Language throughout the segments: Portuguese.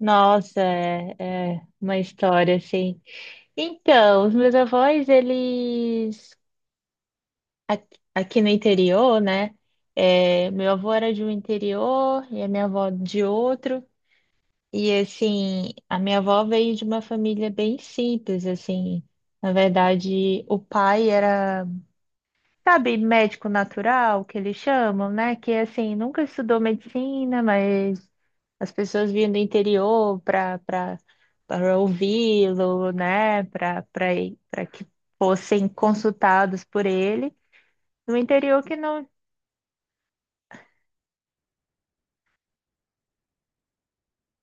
Nossa, é uma história assim. Então, os meus avós, eles aqui no interior, né? É, meu avô era de um interior e a minha avó de outro. E assim, a minha avó veio de uma família bem simples, assim. Na verdade, o pai era, sabe, médico natural, que eles chamam, né? Que assim, nunca estudou medicina, mas as pessoas vinham do interior para ouvi-lo, né? Para que fossem consultados por ele. No interior que não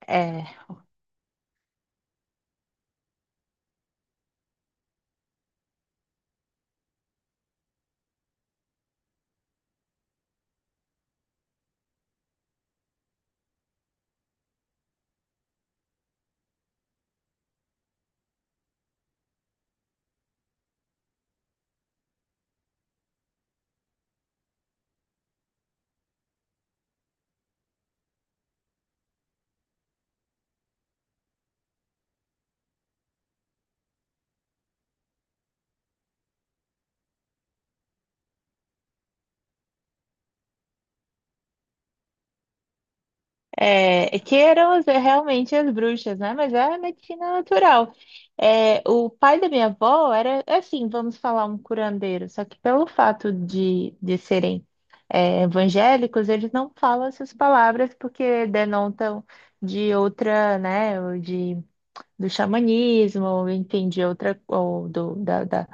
é. É, que eram realmente as bruxas, né? Mas é a medicina natural. É, o pai da minha avó era, assim, vamos falar, um curandeiro, só que pelo fato de serem, é, evangélicos, eles não falam essas palavras porque denotam de outra, né, ou de do xamanismo, ou entendi outra, ou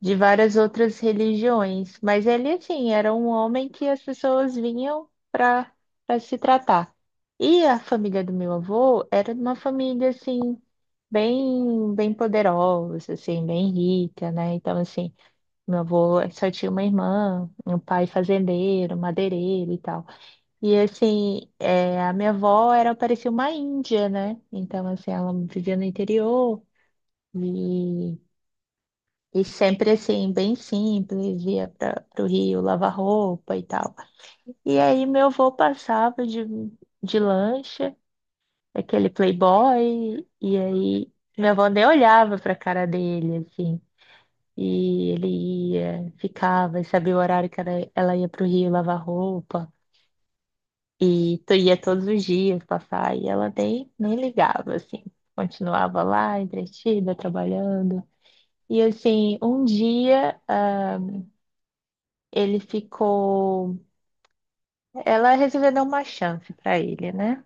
de várias outras religiões. Mas ele, assim, era um homem que as pessoas vinham para se tratar. E a família do meu avô era uma família, assim, bem, bem poderosa, assim, bem rica, né? Então, assim, meu avô só tinha uma irmã, um pai fazendeiro, madeireiro e tal. E assim, é, a minha avó era, parecia uma índia, né? Então, assim, ela vivia no interior e, e sempre assim, bem simples, ia para o rio lavar roupa e tal. E aí meu avô passava de lancha, aquele playboy, e aí minha avó nem olhava para cara dele, assim. E ele ia, ficava, e sabia o horário que ela ia para o rio lavar roupa. E tu ia todos os dias passar e ela nem ligava, assim. Continuava lá, entretida, trabalhando. E assim, um dia, ah, ele ficou. Ela resolveu dar uma chance para ele, né?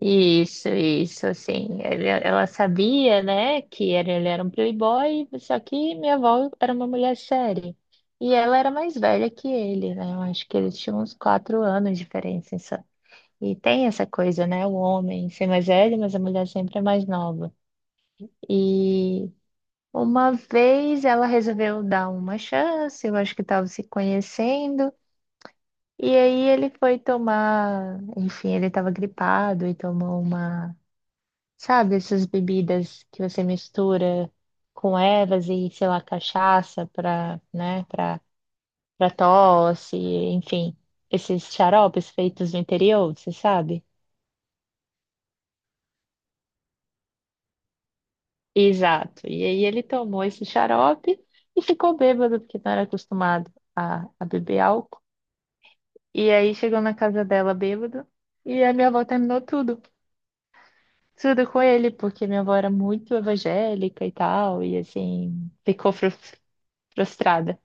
Isso, assim. Ela sabia, né, que era, ele era um playboy, só que minha avó era uma mulher séria. E ela era mais velha que ele, né? Eu acho que eles tinham uns quatro anos de diferença. E tem essa coisa, né? O homem ser mais velho, mas a mulher sempre é mais nova. E uma vez ela resolveu dar uma chance, eu acho que estava se conhecendo. E aí ele foi tomar, enfim, ele estava gripado e tomou uma, sabe, essas bebidas que você mistura com ervas e, sei lá, cachaça para, né, para tosse, enfim, esses xaropes feitos no interior, você sabe? Exato. E aí ele tomou esse xarope e ficou bêbado, porque não era acostumado a beber álcool. E aí chegou na casa dela bêbado e a minha avó terminou tudo. Tudo com ele, porque minha avó era muito evangélica e tal, e assim, ficou frustrada.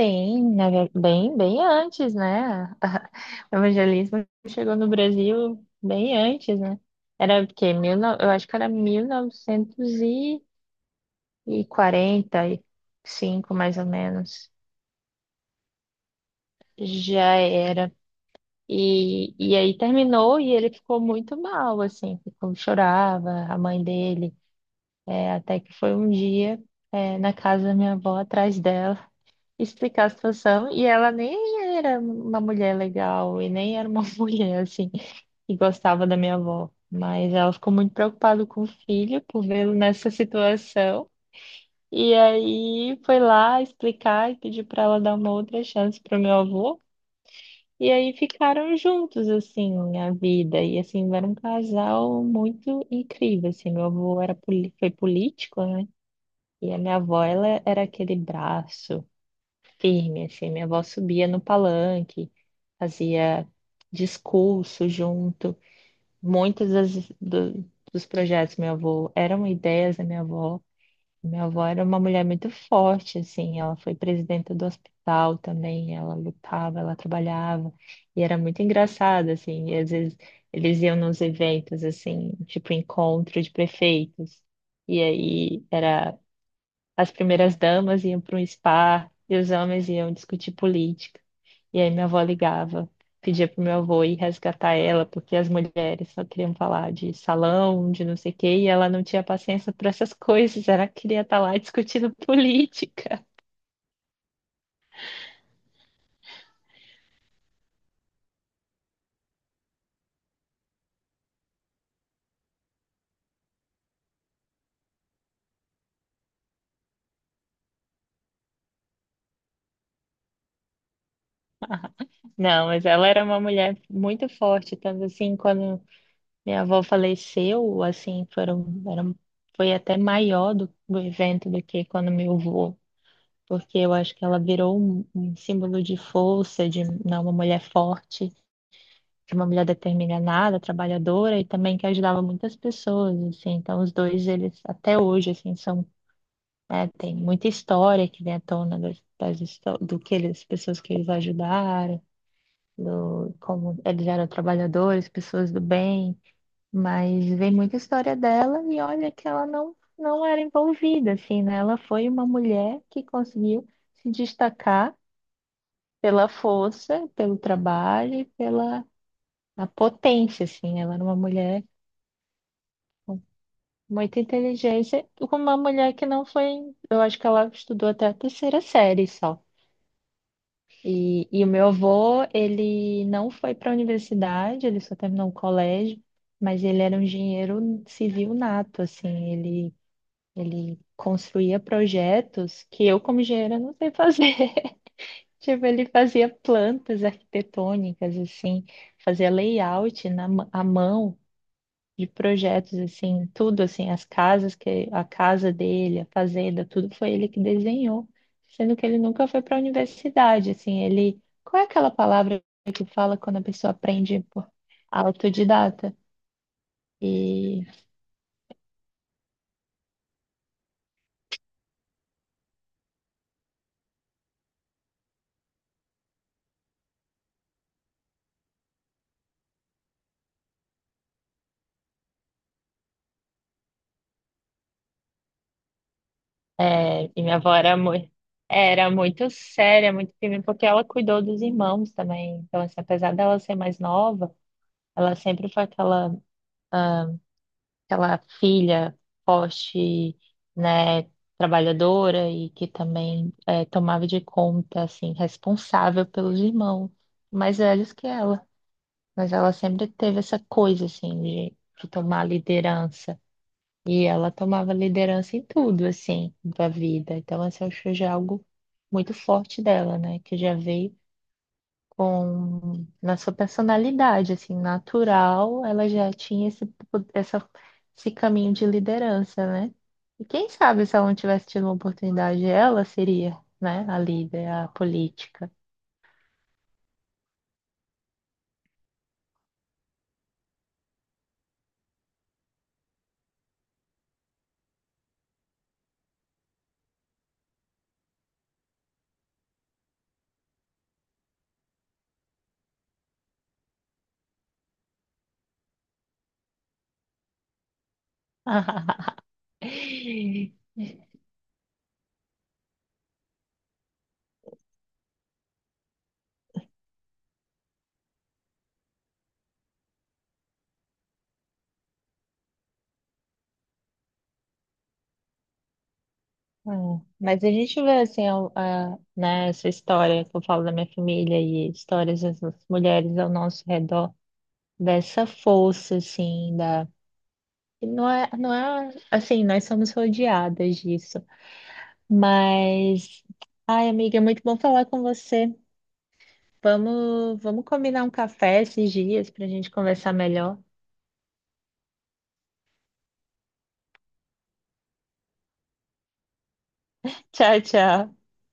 Sim, bem, bem antes, né? O evangelismo chegou no Brasil bem antes, né? Era porque mil, eu acho que era 1900 e quarenta e cinco mais ou menos, já era. E aí terminou e ele ficou muito mal, assim, ficou, chorava, a mãe dele, é, até que foi um dia, é, na casa da minha avó, atrás dela, explicar a situação, e ela nem era uma mulher legal, e nem era uma mulher, assim, que gostava da minha avó, mas ela ficou muito preocupada com o filho, por vê-lo nessa situação. E aí foi lá explicar e pedir para ela dar uma outra chance pro meu avô. E aí ficaram juntos, assim, a vida. E assim, era um casal muito incrível, assim. Meu avô era, foi político, né? E a minha avó, ela era aquele braço firme, assim. Minha avó subia no palanque, fazia discurso junto. Muitas dos projetos do meu avô eram ideias da minha avó. Minha avó era uma mulher muito forte, assim, ela foi presidenta do hospital também, ela lutava, ela trabalhava, e era muito engraçada, assim, e às vezes eles iam nos eventos, assim, tipo encontro de prefeitos, e aí era, as primeiras damas iam para um spa, e os homens iam discutir política, e aí minha avó ligava, pedia pro meu avô ir resgatar ela, porque as mulheres só queriam falar de salão, de não sei o quê, e ela não tinha paciência para essas coisas, ela queria estar lá discutindo política. Não, mas ela era uma mulher muito forte, tanto assim, quando minha avó faleceu, assim, foram, eram, foi até maior do evento do que quando meu avô, porque eu acho que ela virou um símbolo de força, de não, uma mulher forte, de uma mulher determinada, trabalhadora e também que ajudava muitas pessoas, assim. Então, os dois, eles até hoje, assim, são, né, tem muita história que vem à tona das, das, histó- do que eles, pessoas que eles ajudaram, do, como eles eram trabalhadores, pessoas do bem, mas vem muita história dela e olha que ela não era envolvida, assim, né? Ela foi uma mulher que conseguiu se destacar pela força, pelo trabalho e pela a potência, assim. Ela era uma mulher. Muita inteligência. Com uma mulher que não foi. Eu acho que ela estudou até a terceira série só. E o meu avô, ele não foi para a universidade, ele só terminou o colégio, mas ele era um engenheiro civil nato, assim. Ele construía projetos que eu, como engenheira, não sei fazer. Tipo, ele fazia plantas arquitetônicas, assim, fazia layout à mão de projetos assim, tudo assim, as casas, que a casa dele, a fazenda, tudo foi ele que desenhou, sendo que ele nunca foi para a universidade, assim, ele, qual é aquela palavra que fala quando a pessoa aprende por? Autodidata? E, e minha avó era muito. Era muito séria, muito firme, porque ela cuidou dos irmãos também. Então, assim, apesar dela ser mais nova, ela sempre foi aquela filha forte, né, trabalhadora e que também é, tomava de conta, assim, responsável pelos irmãos mais velhos que ela. Mas ela sempre teve essa coisa, assim, de tomar liderança. E ela tomava liderança em tudo, assim, da vida. Então, assim, eu acho já algo muito forte dela, né, que já veio com na sua personalidade, assim, natural, ela já tinha esse caminho de liderança, né? E quem sabe se ela não tivesse tido uma oportunidade, ela seria, né, a líder, a política. Mas a gente vê assim, a, né, essa história que eu falo da minha família e histórias das mulheres ao nosso redor, dessa força, assim, da. E não é assim, nós somos rodeadas disso. Mas, ai, amiga, é muito bom falar com você. Vamos combinar um café esses dias para a gente conversar melhor. Tchau, tchau.